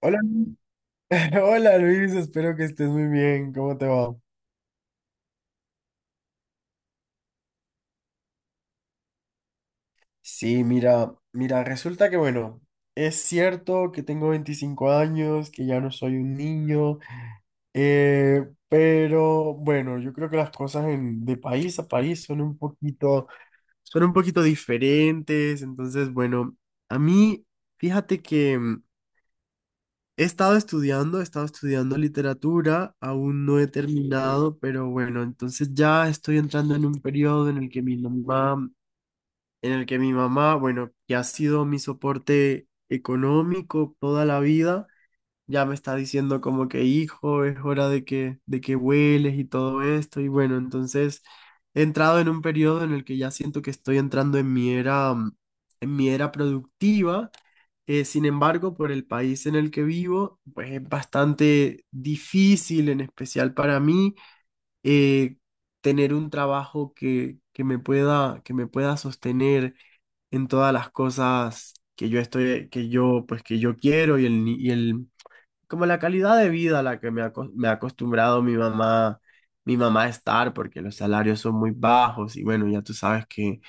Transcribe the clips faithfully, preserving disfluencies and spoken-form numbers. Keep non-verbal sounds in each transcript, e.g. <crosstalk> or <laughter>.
Hola, Lu- <laughs> hola Luis, espero que estés muy bien. ¿Cómo te va? Sí, mira, mira, resulta que bueno, es cierto que tengo veinticinco años, que ya no soy un niño, eh, pero bueno, yo creo que las cosas en- de país a país son un poquito, son un poquito diferentes. Entonces, bueno, a mí, fíjate que he estado estudiando, he estado estudiando literatura, aún no he terminado, pero bueno, entonces ya estoy entrando en un periodo en el que mi mamá, en el que mi mamá, bueno, que ha sido mi soporte económico toda la vida, ya me está diciendo como que hijo, es hora de que, de que vueles y todo esto. Y bueno, entonces he entrado en un periodo en el que ya siento que estoy entrando en mi era, mm, en mi era productiva. Eh, sin embargo, por el país en el que vivo, pues es bastante difícil, en especial para mí, eh, tener un trabajo que, que me pueda, que me pueda sostener en todas las cosas que yo estoy, que yo, pues que yo quiero y el, ni- y el, como la calidad de vida a la que me ha, acos- me ha acostumbrado mi mamá, mi mamá a estar, porque los salarios son muy bajos y bueno, ya tú sabes que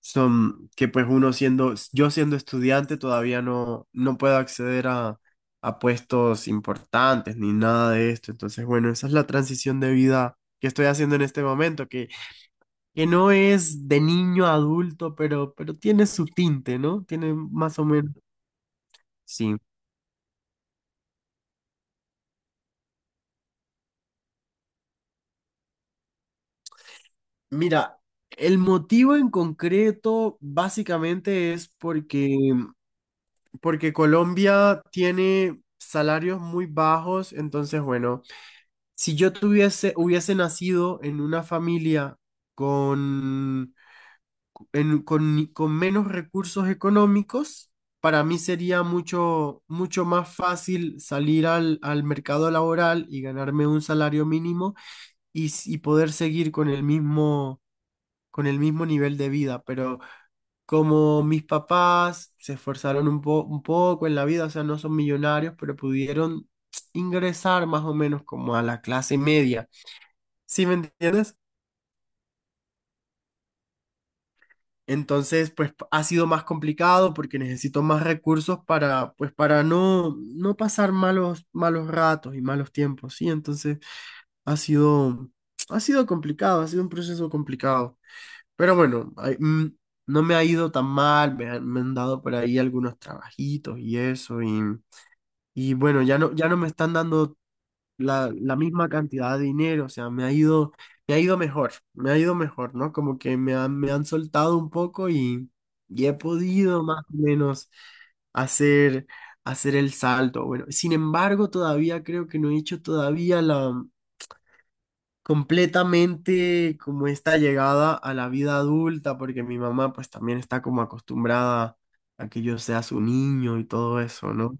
son, que pues uno siendo, yo siendo estudiante todavía no, no puedo acceder a, a puestos importantes ni nada de esto. Entonces, bueno, esa es la transición de vida que estoy haciendo en este momento, que, que no es de niño a adulto, pero, pero tiene su tinte, ¿no? Tiene más o menos, sí. Mira, el motivo en concreto básicamente es porque, porque Colombia tiene salarios muy bajos, entonces bueno, si yo tuviese, hubiese nacido en una familia con, en- con, con menos recursos económicos, para mí sería mucho, mucho más fácil salir al, al mercado laboral y ganarme un salario mínimo y, s- y poder seguir con el mismo con el mismo nivel de vida, pero como mis papás se esforzaron un po- un poco en la vida, o sea, no son millonarios, pero pudieron ingresar más o menos como a la clase media. ¿Sí me entiendes? Entonces, pues ha sido más complicado porque necesito más recursos para, pues, para no, no pasar malos, malos ratos y malos tiempos, ¿sí? Entonces, ha sido, ha sido complicado, ha sido un proceso complicado. Pero bueno, ay, mm, no me ha ido tan mal, me han, me han dado por ahí algunos trabajitos y eso, y, y bueno, ya no, ya no me están dando la, la misma cantidad de dinero, o sea, me ha ido, me ha ido mejor, me ha ido mejor, ¿no? Como que me han, me han soltado un poco y, y he podido más o menos hacer, hacer el salto. Bueno, sin embargo, todavía creo que no he hecho todavía completamente como esta llegada a la vida adulta, porque mi mamá pues también está como acostumbrada a que yo sea su niño y todo eso, ¿no?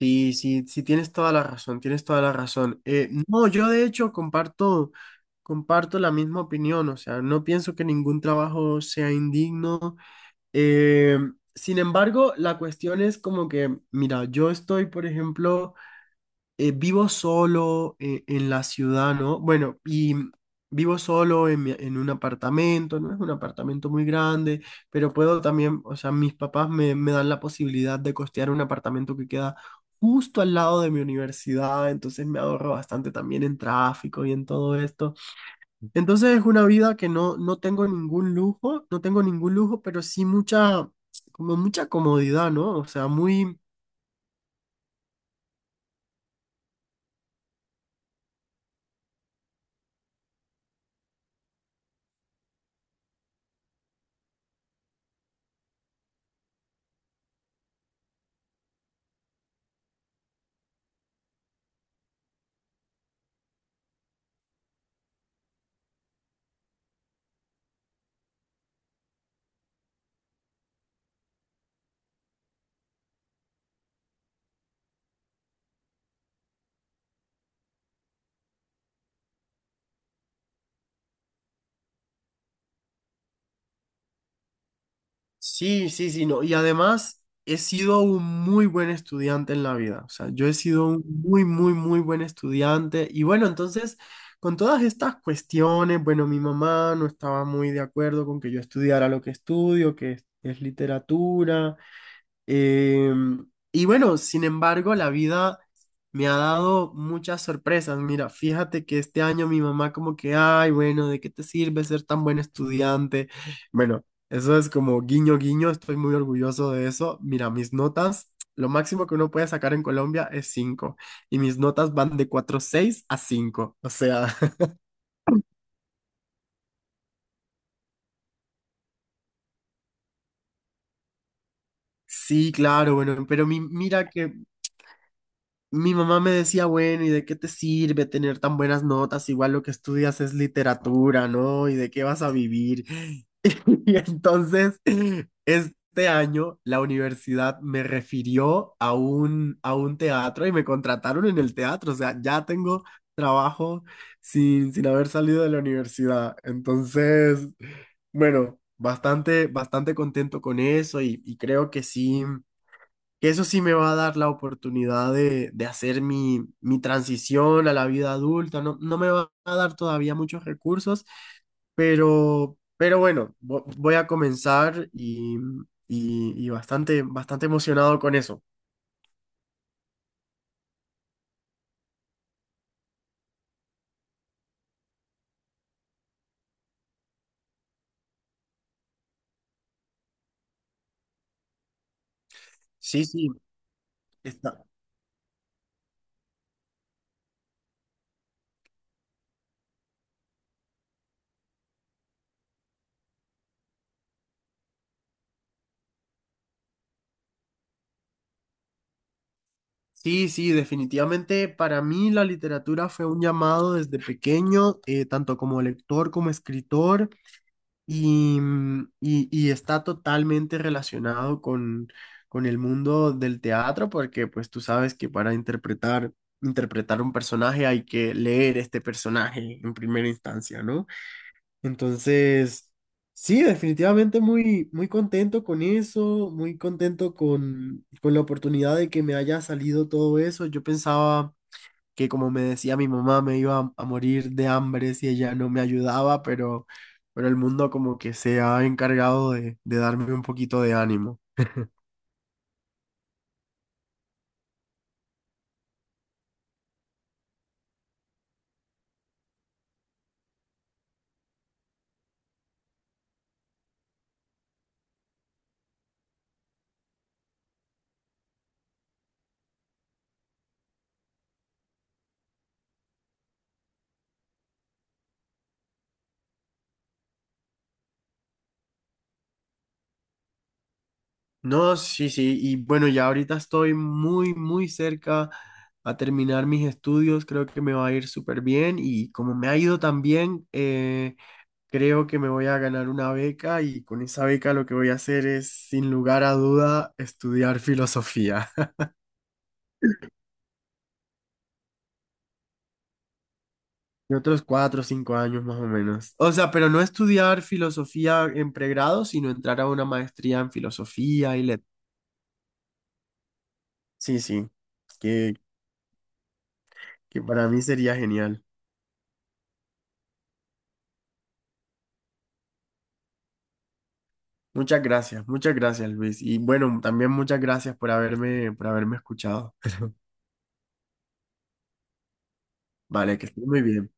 Sí, sí, sí, tienes toda la razón, tienes toda la razón. Eh, no, yo de hecho comparto, comparto la misma opinión, o sea, no pienso que ningún trabajo sea indigno. Eh, Sin embargo, la cuestión es como que, mira, yo estoy, por ejemplo, eh, vivo solo eh, en la ciudad, ¿no? Bueno, y vivo solo en, mi- en un apartamento, no es un apartamento muy grande, pero puedo también, o sea, mis papás me, me dan la posibilidad de costear un apartamento que queda justo al lado de mi universidad, entonces me ahorro bastante también en tráfico y en todo esto. Entonces es una vida que no, no tengo ningún lujo, no tengo ningún lujo, pero sí mucha, como mucha comodidad, ¿no? O sea, muy... Sí, sí, sí, no. Y además he sido un muy buen estudiante en la vida. O sea, yo he sido un muy, muy, muy buen estudiante. Y bueno, entonces, con todas estas cuestiones, bueno, mi mamá no estaba muy de acuerdo con que yo estudiara lo que estudio, que es, es literatura. Em, y bueno, sin embargo, la vida me ha dado muchas sorpresas. Mira, fíjate que este año mi mamá como que, ay, bueno, ¿de qué te sirve ser tan buen estudiante? Bueno, eso es como guiño, guiño, estoy muy orgulloso de eso. Mira, mis notas, lo máximo que uno puede sacar en Colombia es cinco y mis notas van de cuatro punto seis a cinco. O sea, <laughs> sí, claro, bueno, pero mi- mira que mi mamá me decía, bueno, ¿y de qué te sirve tener tan buenas notas? Igual lo que estudias es literatura, ¿no? ¿Y de qué vas a vivir? <laughs> Y entonces, este año la universidad me refirió a un, a un teatro y me contrataron en el teatro. O sea, ya tengo trabajo sin, sin haber salido de la universidad. Entonces, bueno, bastante, bastante contento con eso y, y creo que sí que eso sí me va a dar la oportunidad de, de hacer mi, mi transición a la vida adulta. No, no me va a dar todavía muchos recursos, pero, pero bueno, vo- voy a comenzar y, y, y bastante, bastante emocionado con eso. Sí, sí, está. Sí, sí, definitivamente para mí la literatura fue un llamado desde pequeño, eh, tanto como lector como escritor. Y, mm, y- y está totalmente relacionado con, con el mundo del teatro, porque pues tú sabes que para interpretar, interpretar un personaje hay que leer este personaje en primera instancia, ¿no? Entonces, sí, definitivamente muy, muy contento con eso, muy contento con, con la oportunidad de que me haya salido todo eso. Yo pensaba que como me decía mi mamá, me iba a, a morir de hambre si ella no me ayudaba, pero, pero el mundo como que se ha encargado de, de darme un poquito de ánimo. No, sí, sí, y bueno, ya ahorita estoy muy, muy cerca a terminar mis estudios, creo que me va a ir súper bien y como me ha ido tan bien, eh, creo que me voy a ganar una beca y con esa beca lo que voy a hacer es, sin lugar a duda, estudiar filosofía. Y otros cuatro o cinco años más o menos. O sea, pero no estudiar filosofía en pregrado, sino entrar a una maestría en filosofía y le... Sí, sí, que, que para mí sería genial. Muchas gracias, muchas gracias, Luis. Y bueno, también muchas gracias por haberme, por haberme escuchado. Vale, que estés muy bien.